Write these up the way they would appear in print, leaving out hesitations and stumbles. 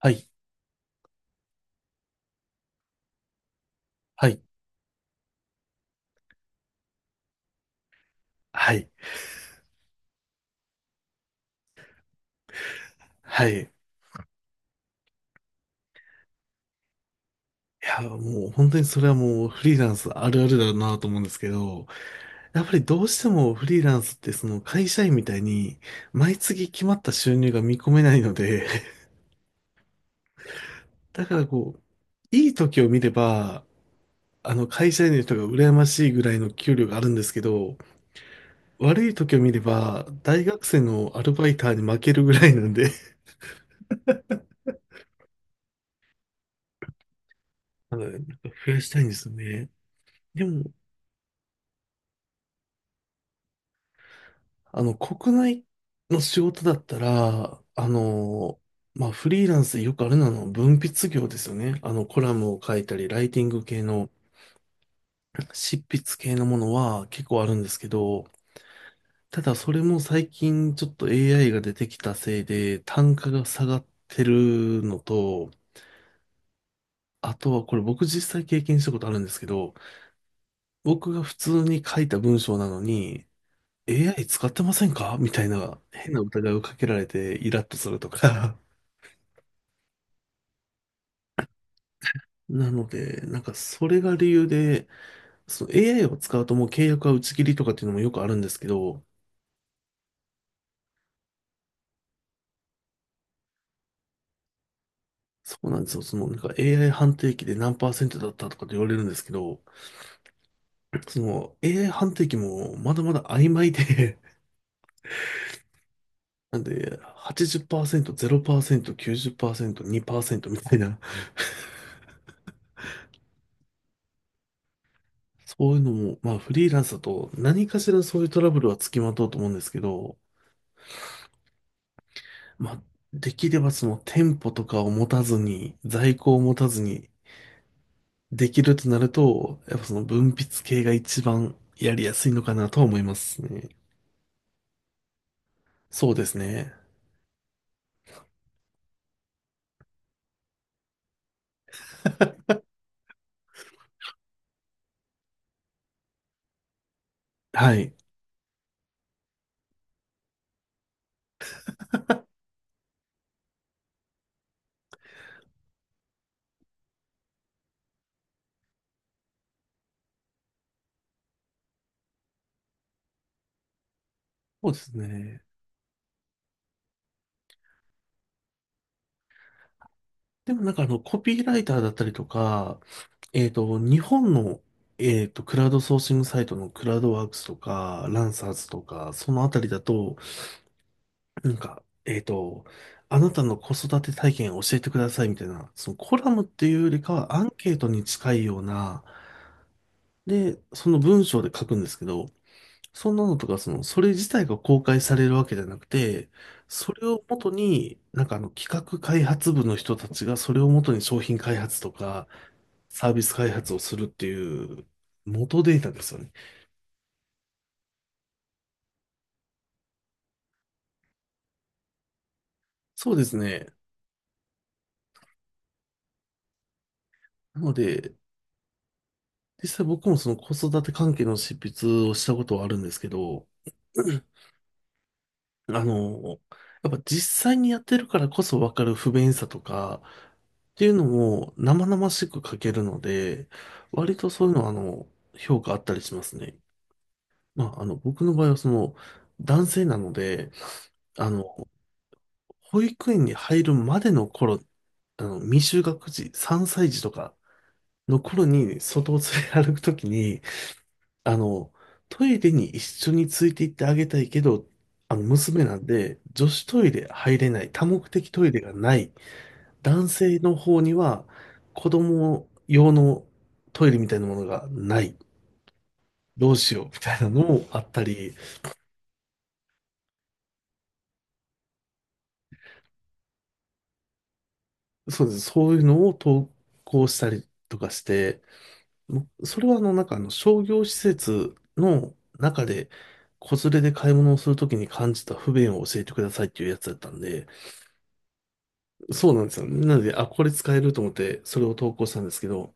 はい、はい、はい、はい。いや、もう本当にそれはもうフリーランスあるあるだなと思うんですけど、やっぱりどうしてもフリーランスってその会社員みたいに毎月決まった収入が見込めないので、だからこう、いい時を見れば、会社員の人が羨ましいぐらいの給料があるんですけど、悪い時を見れば大学生のアルバイターに負けるぐらいなんで、あの、なんか増やしたいんですよね。でも、国内の仕事だったら、まあ、フリーランスでよくあるのは文筆業ですよね。コラムを書いたり、ライティング系の、執筆系のものは結構あるんですけど、ただそれも最近ちょっと AI が出てきたせいで、単価が下がってるのと、あとはこれ僕実際経験したことあるんですけど、僕が普通に書いた文章なのに、AI 使ってませんかみたいな変な疑いをかけられてイラッとするとか。なので、それが理由で、その AI を使うともう契約は打ち切りとかっていうのもよくあるんですけど、そうなんですよ。その AI 判定機で何パーセントだったとかって言われるんですけど、その AI 判定機もまだまだ曖昧で、なんで80%、0%、90%、2%みたいな、そういうのも、まあフリーランスだと何かしらそういうトラブルはつきまとうと思うんですけど、まあできればその店舗とかを持たずに、在庫を持たずに、できるとなると、やっぱその文筆系が一番やりやすいのかなとは思いますね。そうですね。はい。そうですね。でもコピーライターだったりとか、日本の、クラウドソーシングサイトのクラウドワークスとか、ランサーズとか、そのあたりだと、なんか、えっと、あなたの子育て体験を教えてくださいみたいな、そのコラムっていうよりかはアンケートに近いような、で、その文章で書くんですけど、そんなのとか、その、それ自体が公開されるわけじゃなくて、それを元に、企画開発部の人たちがそれを元に商品開発とかサービス開発をするっていう元データですよね。そうですね。なので、実際僕もその子育て関係の執筆をしたことはあるんですけど、あの、やっぱ実際にやってるからこそわかる不便さとか、っていうのも生々しく書けるので、割とそういうのは評価あったりしますね。まあ、僕の場合はその、男性なので、あの、保育園に入るまでの頃、未就学児、3歳児とかの頃に外を連れ歩くときに、あの、トイレに一緒について行ってあげたいけど、娘なんで、女子トイレ入れない、多目的トイレがない、男性の方には子供用のトイレみたいなものがない。どうしようみたいなのもあったり、そうです。そういうのを投稿したりとかして、もうそれは商業施設の中で子連れで買い物をするときに感じた不便を教えてくださいっていうやつだったんで、そうなんですよ。なので、あ、これ使えると思ってそれを投稿したんですけど、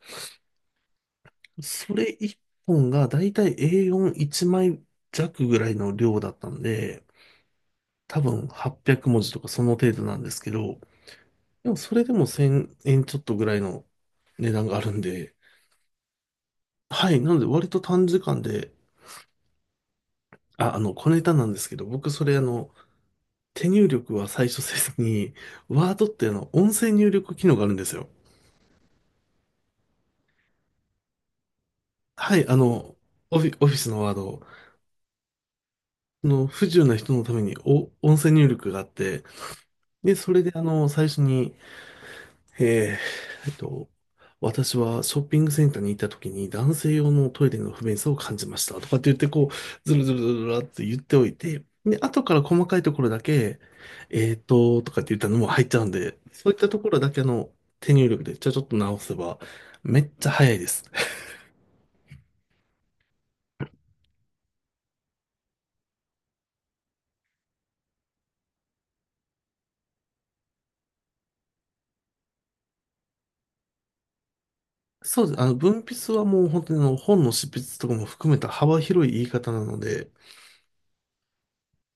それ1本がだいたい A41 枚弱ぐらいの量だったんで、多分800文字とかその程度なんですけど、でもそれでも1000円ちょっとぐらいの値段があるんで、はい、なので割と短時間で、あ、小ネタなんですけど、僕それ手入力は最初せずに、ワードって音声入力機能があるんですよ。はい、オフィスのワードを、その不自由な人のためにお音声入力があって、で、それで最初にええ、えっと、私はショッピングセンターに行った時に男性用のトイレの不便さを感じましたとかって言ってこう、ずるずるずるずるって言っておいて、で、後から細かいところだけ、とかって言ったのも入っちゃうんで、そういったところだけ手入力でちょっと直せばめっちゃ早いです。そうです。文筆はもう本当にあの本の執筆とかも含めた幅広い言い方なので、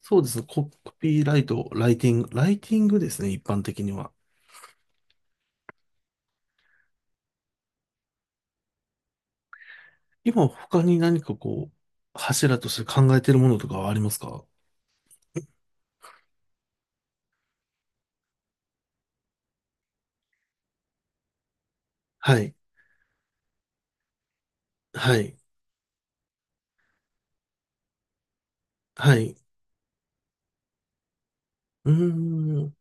そうです。コピーライト、ライティングですね、一般的には。今他に何かこう、柱として考えてるものとかはありますか？はい。はい。はい。うーん。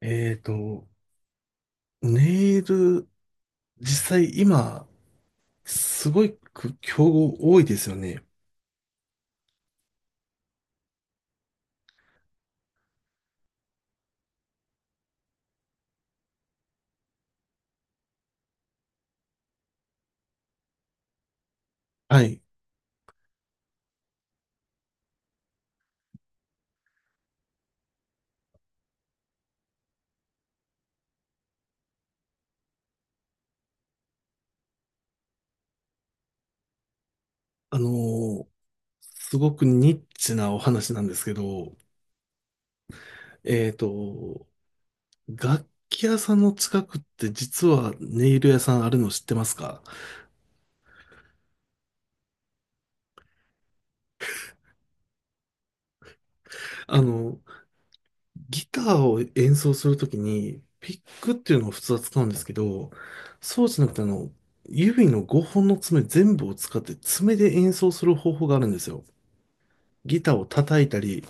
えっと、ネイル、実際今、すごく競合多いですよね。はい。あのーすごくニッチなお話なんですけど、えっと、楽器屋さんの近くって実はネイル屋さんあるの知ってますか？あの、ギターを演奏するときに、ピックっていうのを普通は使うんですけど、そうじゃなくて、指の5本の爪全部を使って爪で演奏する方法があるんですよ。ギターを叩いたり、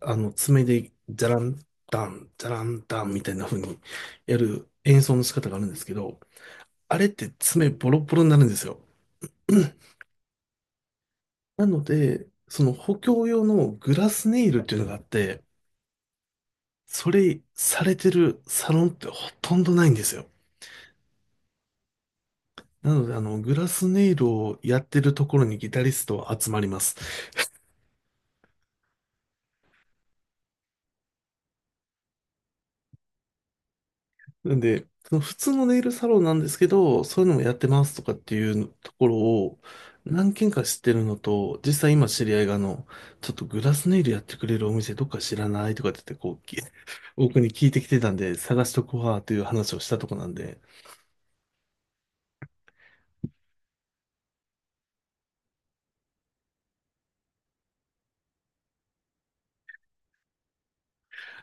爪で、ジャランダン、ジャランダンみたいな風にやる演奏の仕方があるんですけど、あれって爪ボロボロになるんですよ。なので、その補強用のグラスネイルっていうのがあって、それされてるサロンってほとんどないんですよ。なので、グラスネイルをやってるところにギタリストは集まります。なんで、その普通のネイルサロンなんですけど、そういうのもやってますとかっていうところを何軒か知ってるのと、実際今知り合いがちょっとグラスネイルやってくれるお店どっか知らないとかって言って、こう、き 僕に聞いてきてたんで、探しとこうわという話をしたとこなんで、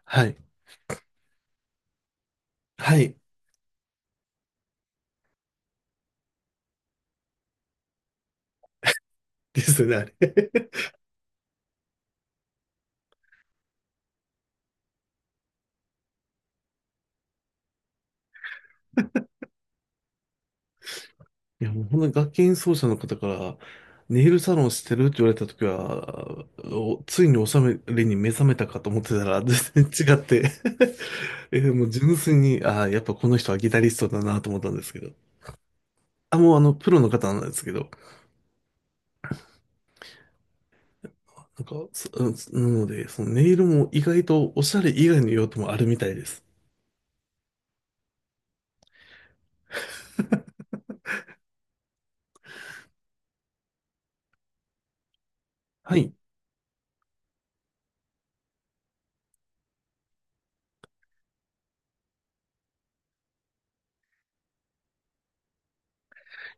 はい。はい。ですよね、あれ。いや、もう本当に楽器演奏者の方から、ネイルサロンしてるって言われたときは、おついにお収めに目覚めたかと思ってたら、全然違って え、もう純粋に、ああ、やっぱこの人はギタリストだなと思ったんですけど。あ、もうプロの方なんですけど。そうんなので、そのネイルも意外とおしゃれ以外の用途もあるみたいです。はい。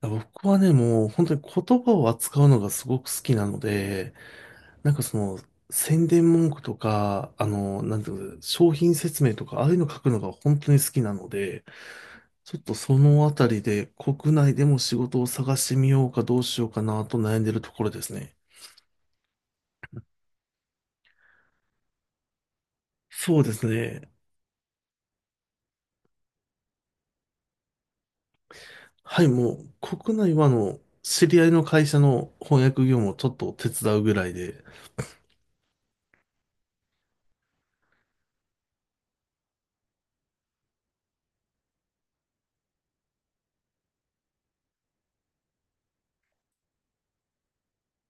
僕はね、もう本当に言葉を扱うのがすごく好きなので、なんかその、宣伝文句とか、なんていうの、商品説明とか、ああいうの書くのが本当に好きなので、ちょっとそのあたりで国内でも仕事を探してみようかどうしようかなと悩んでるところですね。そうですね。はい、もう国内は知り合いの会社の翻訳業務をちょっと手伝うぐらいで、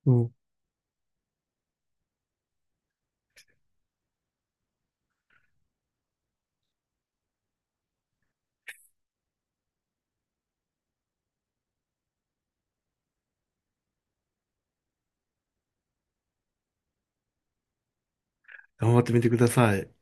うん、頑張ってみてください。